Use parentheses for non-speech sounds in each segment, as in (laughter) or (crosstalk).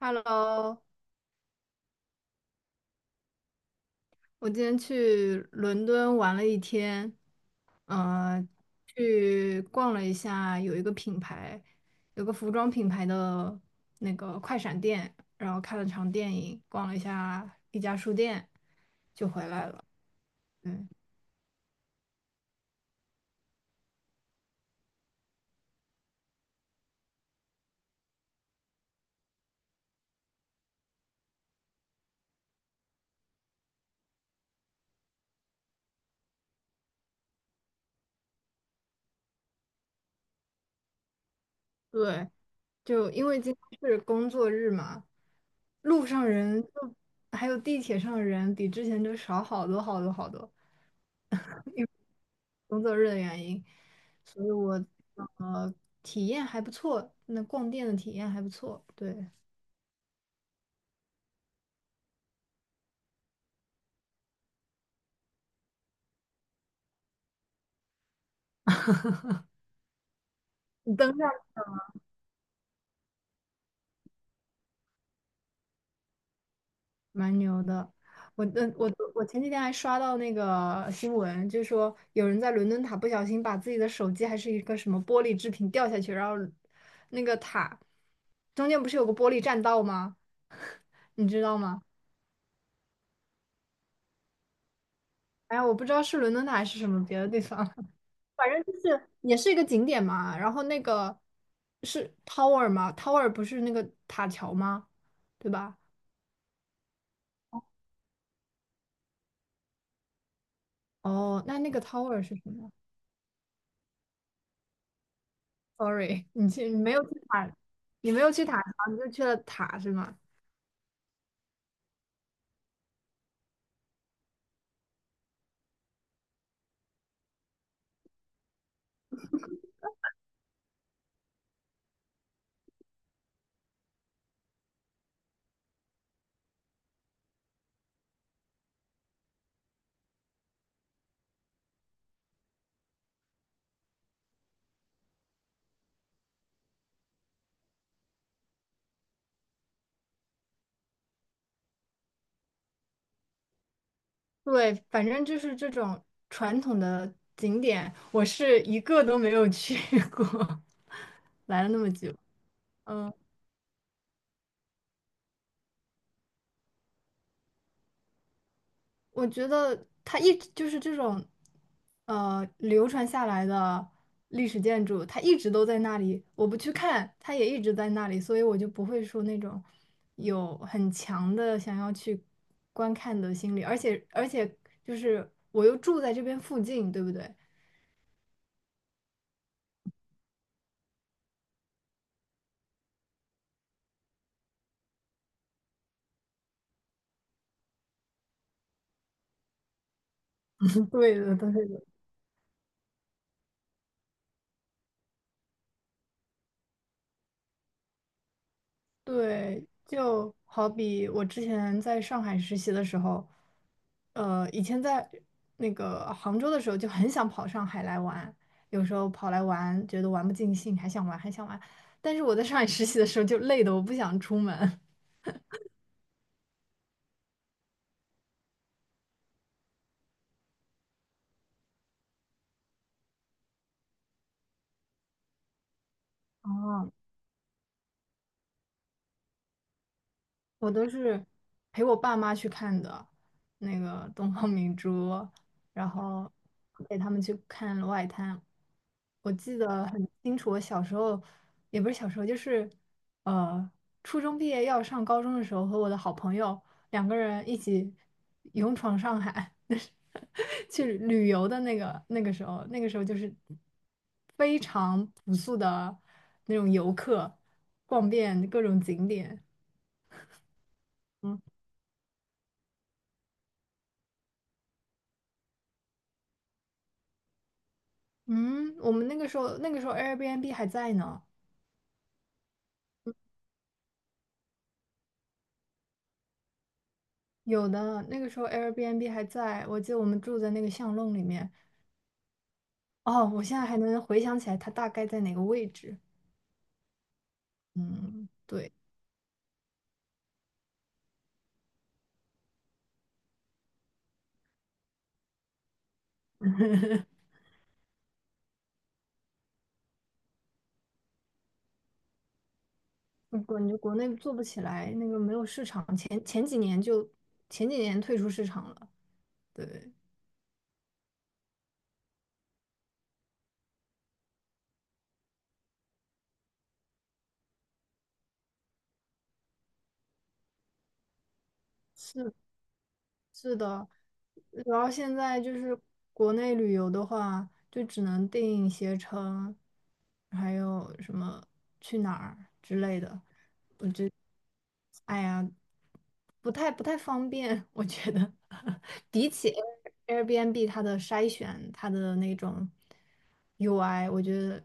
Hello，我今天去伦敦玩了一天，呃，去逛了一下，有一个品牌，有个服装品牌的那个快闪店，然后看了场电影，逛了一下一家书店，就回来了。嗯，对，就因为今天是工作日嘛，路上人就还有地铁上人比之前就少好多好多好多。工作日的原因，所以我呃体验还不错，那逛店的体验还不错，对，你登上蛮牛的。我嗯我我前几天还刷到那个新闻，就说有人在伦敦塔不小心把自己的手机还是一个什么玻璃制品掉下去，然后那个塔中间不是有个玻璃栈道吗？(laughs) 你知道吗？哎呀我不知道是伦敦塔还是什么别的地方。反正就是也是一个景点嘛，然后那个是 tower 吗？tower 不是那个塔桥吗？对吧？哦，那那个 tower 是什么？Sorry，你没有去塔，你没有去塔桥，你就去了塔是吗？对，反正就是这种传统的景点，我是一个都没有去过，(laughs) 来了那么久，嗯。我觉得它一直就是这种，流传下来的历史建筑，它一直都在那里。我不去看，它也一直在那里，所以我就不会说那种有很强的想要去观看的心理。而且就是我又住在这边附近，对不对？对的，对的。对，就好比我之前在上海实习的时候，以前在那个杭州的时候就很想跑上海来玩，有时候跑来玩觉得玩不尽兴，还想玩。但是我在上海实习的时候就累的我不想出门。(laughs) 哦，我都是陪我爸妈去看的，那个东方明珠，然后陪他们去看《外滩》。我记得很清楚，我小时候也不是小时候，就是呃，初中毕业要上高中的时候，和我的好朋友两个人一起勇闯上海，就是 (laughs) 去旅游的那个时候，那个时候就是非常朴素的那种游客，逛遍各种景点。嗯嗯，我们那个时候 Airbnb 还在呢，有的那个时候 Airbnb 还在，我记得我们住在那个巷弄里面。哦，我现在还能回想起来它大概在哪个位置。嗯，对，(laughs) 我感觉国内做不起来，那个没有市场，前几年退出市场了。对，是是的，然后现在就是国内旅游的话，就只能定携程，还有什么去哪儿之类的。哎呀，不太方便，我觉得 (laughs) 比起 Airbnb 它的筛选，它的那种 UI，我觉得，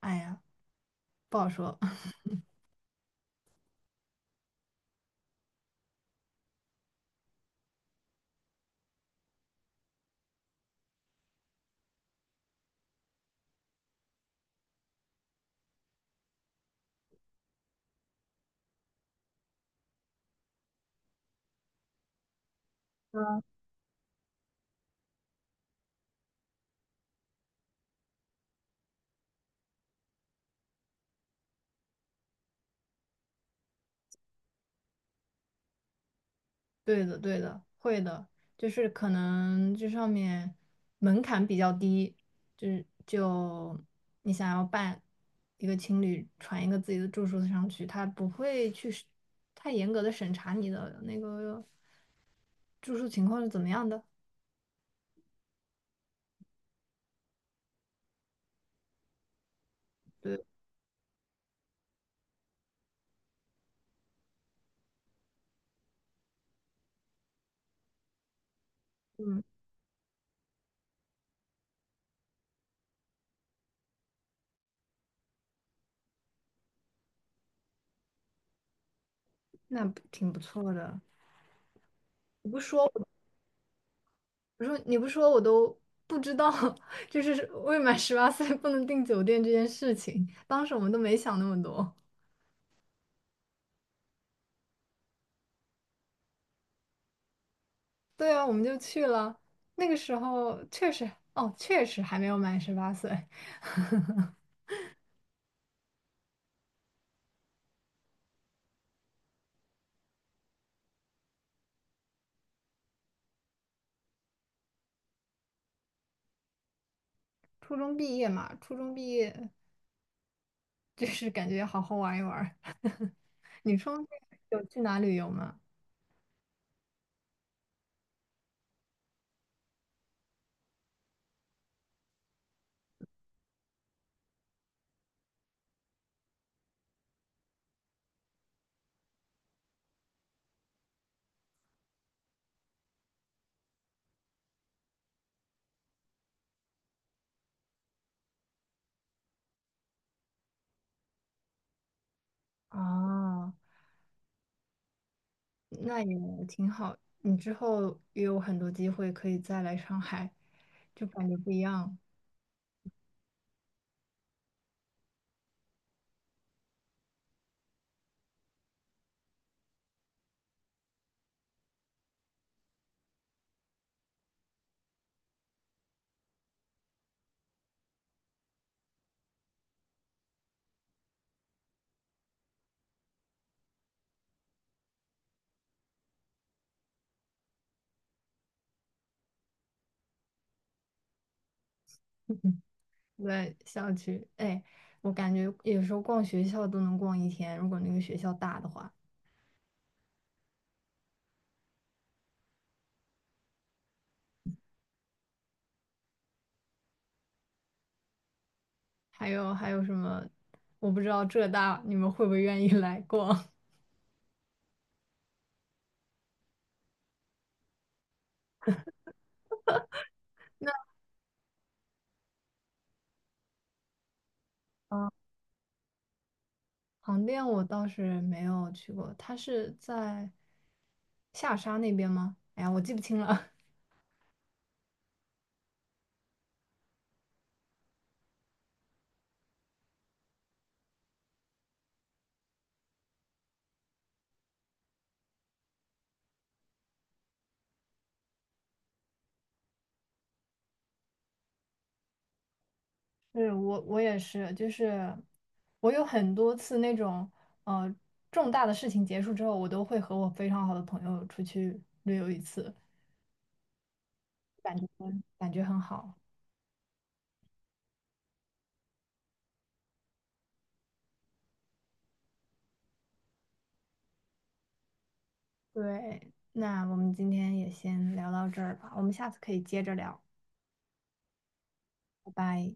哎呀，不好说。对的，对的，会的，就是可能这上面门槛比较低，就是你想要办一个情侣传一个自己的住宿上去，他不会去是太严格的审查你的那个住宿情况是怎么样的。对，嗯，那不挺不错的。你不说我，说你不说我都不知道，(laughs) 就是未满十八岁不能订酒店这件事情，当时我们都没想那么多。对啊，我们就去了。那个时候确实，哦，确实还没有满十八岁，初中毕业嘛，初中毕业就是感觉好好玩一玩儿 (laughs) 你初中毕业有去哪旅游吗？啊，那也挺好。你之后也有很多机会可以再来上海，就感觉不一样。(laughs) 对，校区，哎，我感觉有时候逛学校都能逛一天，如果那个学校大的话。还有还有什么？我不知道浙大你们会不会愿意 (laughs) 来逛？啊？(laughs) 航店我倒是没有去过，它是在下沙那边吗？哎呀，我记不清了。(laughs) 是我也是，就是我有很多次那种呃重大的事情结束之后，我都会和我非常好的朋友出去旅游一次，感觉感觉很好。对，那我们今天也先聊到这儿吧，我们下次可以接着聊，拜拜。